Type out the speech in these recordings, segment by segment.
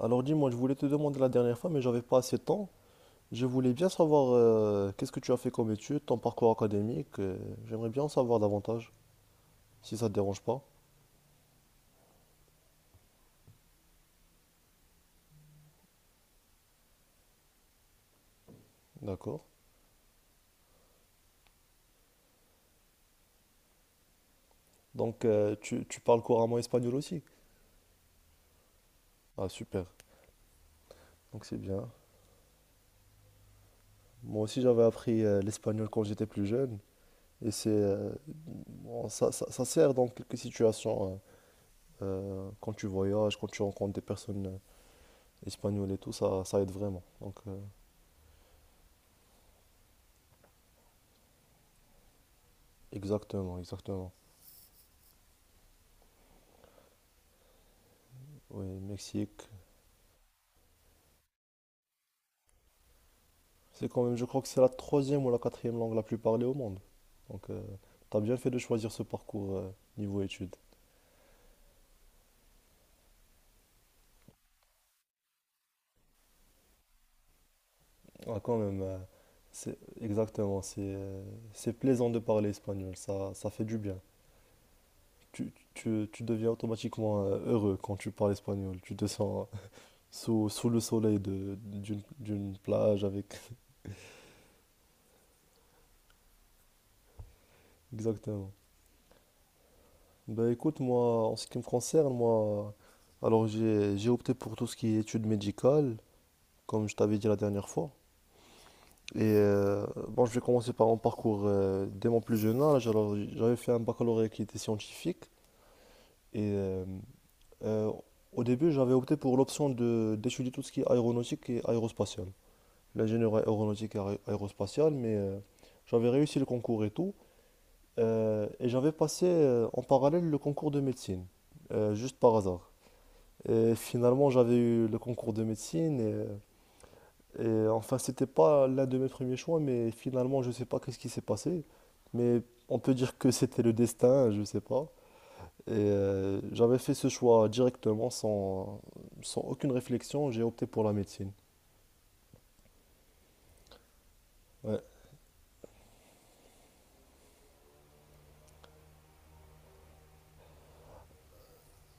Alors dis-moi, je voulais te demander la dernière fois, mais j'avais pas assez de temps. Je voulais bien savoir qu'est-ce que tu as fait comme études, ton parcours académique. J'aimerais bien en savoir davantage, si ça te dérange pas. D'accord. Donc tu parles couramment espagnol aussi. Ah super. Donc c'est bien. Moi aussi j'avais appris l'espagnol quand j'étais plus jeune. Et c'est bon, ça sert dans quelques situations. Quand tu voyages, quand tu rencontres des personnes espagnoles et tout, ça aide vraiment. Donc exactement, exactement. Oui, Mexique. C'est quand même, je crois que c'est la troisième ou la quatrième langue la plus parlée au monde. Donc, tu t'as bien fait de choisir ce parcours niveau études. Ah, quand même, c'est exactement, c'est plaisant de parler espagnol, ça fait du bien. Tu deviens automatiquement heureux quand tu parles espagnol. Tu te sens sous, sous le soleil de, d'une, d'une plage avec... Exactement. Ben écoute, moi, en ce qui me concerne, moi, alors j'ai opté pour tout ce qui est études médicales, comme je t'avais dit la dernière fois. Et bon, je vais commencer par mon parcours dès mon plus jeune âge. Alors, j'avais fait un baccalauréat qui était scientifique. Et euh, au début, j'avais opté pour l'option de d'étudier tout ce qui est aéronautique et aérospatiale. L'ingénierie aéronautique et aérospatiale, mais j'avais réussi le concours et tout. Et j'avais passé en parallèle le concours de médecine, juste par hasard. Et finalement, j'avais eu le concours de médecine. Et enfin, c'était pas l'un de mes premiers choix, mais finalement, je sais pas qu'est-ce qui s'est passé. Mais on peut dire que c'était le destin, je sais pas. Et j'avais fait ce choix directement, sans aucune réflexion, j'ai opté pour la médecine. Ouais.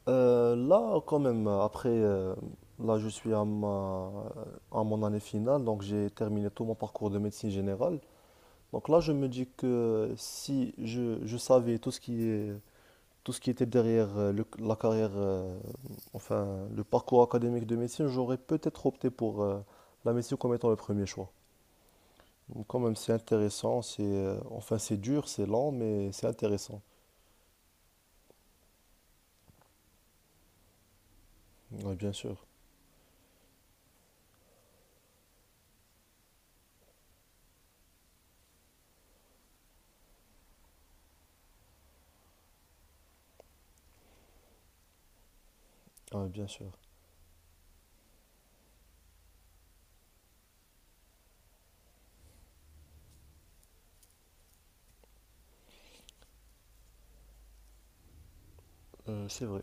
Là, quand même, après, là, je suis à mon année finale, donc j'ai terminé tout mon parcours de médecine générale. Donc là, je me dis que si je savais tout ce qui est tout ce qui était derrière la carrière, enfin le parcours académique de médecine, j'aurais peut-être opté pour la médecine comme étant le premier choix. Donc, quand même, c'est intéressant, c'est enfin c'est dur, c'est lent, mais c'est intéressant. Oui, bien sûr. Ah oui, bien sûr. C'est vrai.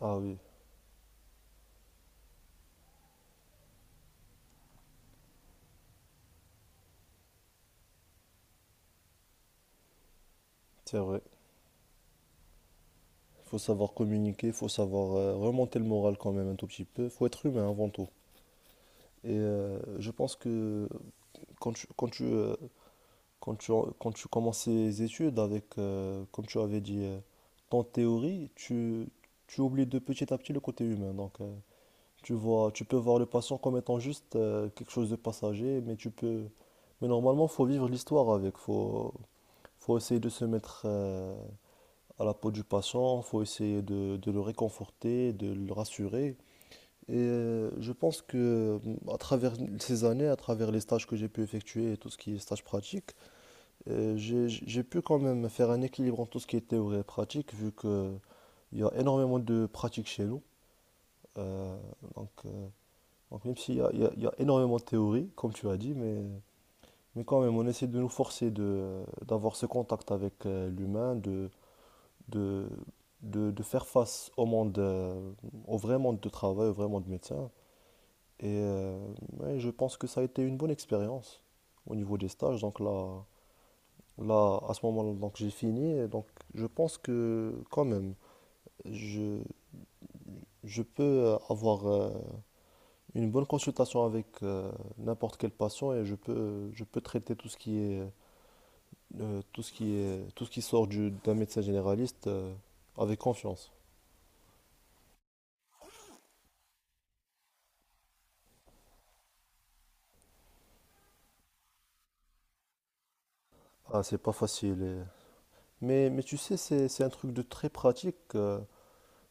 Ah oui, c'est vrai. Il faut savoir communiquer, il faut savoir remonter le moral quand même un tout petit peu. Il faut être humain avant tout. Et je pense que quand tu, quand tu, euh, Quand tu, quand tu commences ces études avec, comme tu avais dit, ton théorie, tu oublies de petit à petit le côté humain. Donc, tu vois, tu peux voir le patient comme étant juste quelque chose de passager, mais tu peux, mais normalement, faut vivre l'histoire avec. Faut essayer de se mettre à la peau du patient. Faut essayer de le réconforter, de le rassurer. Et je pense que, à travers ces années, à travers les stages que j'ai pu effectuer et tout ce qui est stage pratique j'ai pu quand même faire un équilibre entre tout ce qui est théorie et pratique, vu que il y a énormément de pratiques chez nous. Euh, donc, euh, donc même s'il y a, il y a énormément de théorie, comme tu as dit, mais quand même, on essaie de nous forcer de, d'avoir ce contact avec l'humain, de, de faire face au monde, au vrai monde de travail, au vrai monde de médecin. Et ouais, je pense que ça a été une bonne expérience au niveau des stages. Là, à ce moment-là, donc j'ai fini. Donc, je pense que quand même, je, je peux avoir une bonne consultation avec n'importe quel patient et je peux traiter tout ce qui est, tout ce qui sort d'un médecin généraliste avec confiance. Ah, c'est pas facile. Mais tu sais, c'est un truc de très pratique.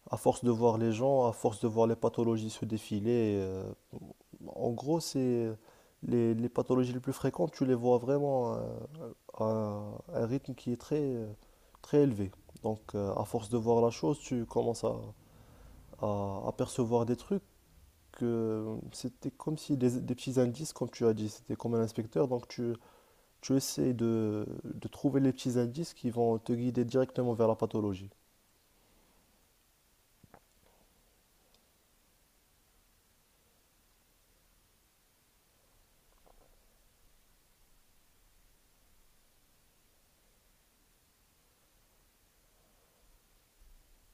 À force de voir les gens, à force de voir les pathologies se défiler, en gros, c'est les pathologies les plus fréquentes, tu les vois vraiment à un rythme qui est très élevé. Donc, à force de voir la chose, tu commences à apercevoir des trucs que c'était comme si des petits indices, comme tu as dit, c'était comme un inspecteur. Donc, tu essaies de trouver les petits indices qui vont te guider directement vers la pathologie.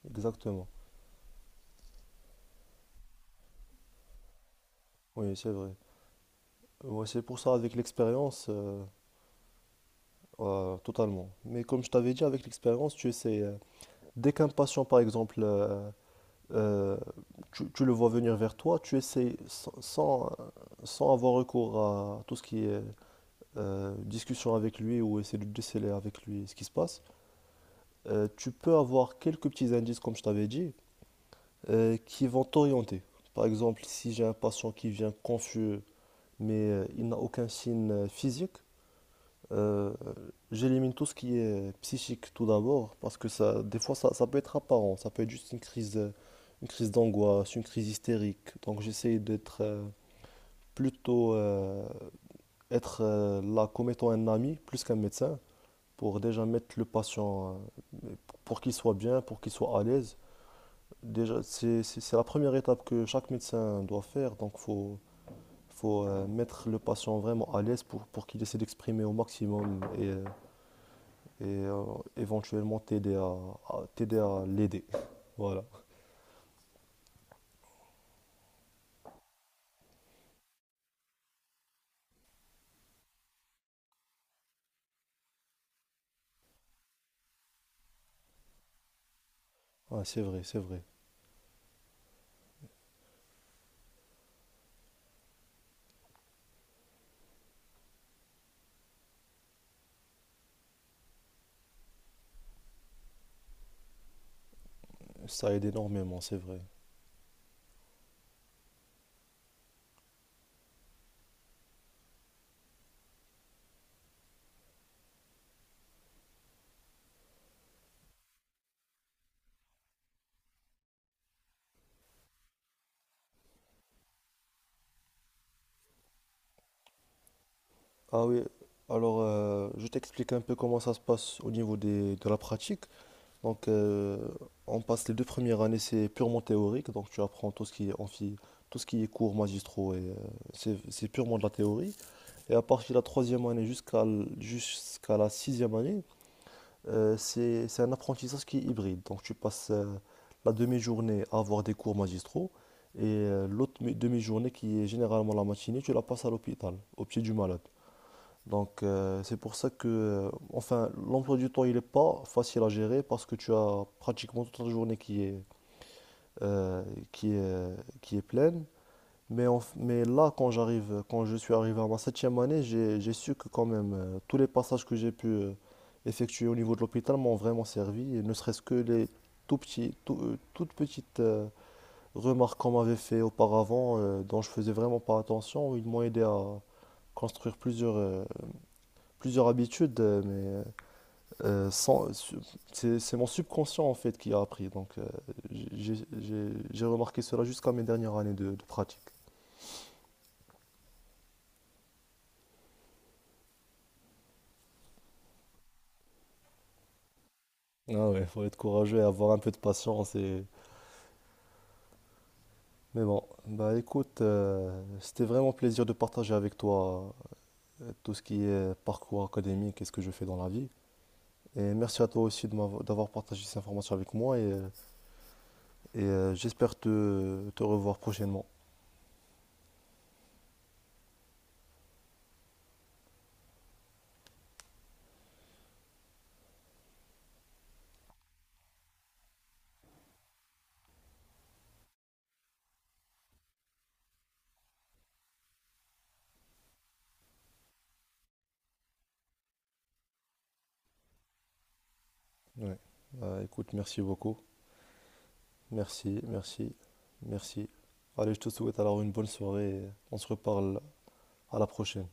Exactement. Oui, c'est vrai. Ouais, c'est pour ça, avec l'expérience, totalement. Mais comme je t'avais dit, avec l'expérience, tu essaies. Dès qu'un patient, par exemple, euh, tu le vois venir vers toi, tu essaies sans avoir recours à tout ce qui est discussion avec lui ou essayer de déceler avec lui ce qui se passe, tu peux avoir quelques petits indices, comme je t'avais dit, qui vont t'orienter. Par exemple, si j'ai un patient qui vient confus, mais il n'a aucun signe physique. Euh, J'élimine tout ce qui est psychique tout d'abord, parce que ça, des fois, ça peut être apparent, ça peut être juste une crise d'angoisse, une crise hystérique. Donc j'essaie d'être plutôt être là comme étant un ami plus qu'un médecin, pour déjà mettre le patient, euh, pour qu'il soit bien, pour qu'il soit à l'aise. Déjà, c'est la première étape que chaque médecin doit faire, donc faut mettre le patient vraiment à l'aise pour qu'il essaie d'exprimer au maximum et éventuellement t'aider à, t'aider à l'aider. Voilà. Ah c'est vrai, c'est vrai. Ça aide énormément, c'est vrai. Ah oui, alors je t'explique un peu comment ça se passe au niveau des, de la pratique. Donc on passe les deux premières années, c'est purement théorique, donc tu apprends tout ce qui est amphi, tout ce qui est cours magistraux, et c'est purement de la théorie. Et à partir de la troisième année jusqu'à la sixième année, c'est un apprentissage qui est hybride. Donc tu passes la demi-journée à avoir des cours magistraux et l'autre demi-journée qui est généralement la matinée, tu la passes à l'hôpital, au pied du malade. Donc c'est pour ça que, enfin, l'emploi du temps, il n'est pas facile à gérer parce que tu as pratiquement toute la journée qui est, euh, qui est, qui est pleine. Mais, mais là, quand je suis arrivé à ma septième année, j'ai su que quand même, tous les passages que j'ai pu effectuer au niveau de l'hôpital m'ont vraiment servi, et ne serait-ce que les tout petits, toutes petites remarques qu'on m'avait fait auparavant, dont je faisais vraiment pas attention, ils m'ont aidé à construire plusieurs, plusieurs habitudes, mais euh, sans, su- c'est mon subconscient en fait qui a appris. Donc, j'ai remarqué cela jusqu'à mes dernières années de pratique. Ah ouais, faut être courageux et avoir un peu de patience et... Mais bon, bah écoute, c'était vraiment un plaisir de partager avec toi tout ce qui est parcours académique et ce que je fais dans la vie. Et merci à toi aussi d'avoir partagé ces informations avec moi et j'espère te revoir prochainement. Ouais. Bah, écoute, merci beaucoup. Merci, merci, merci. Allez, je te souhaite alors une bonne soirée et on se reparle à la prochaine.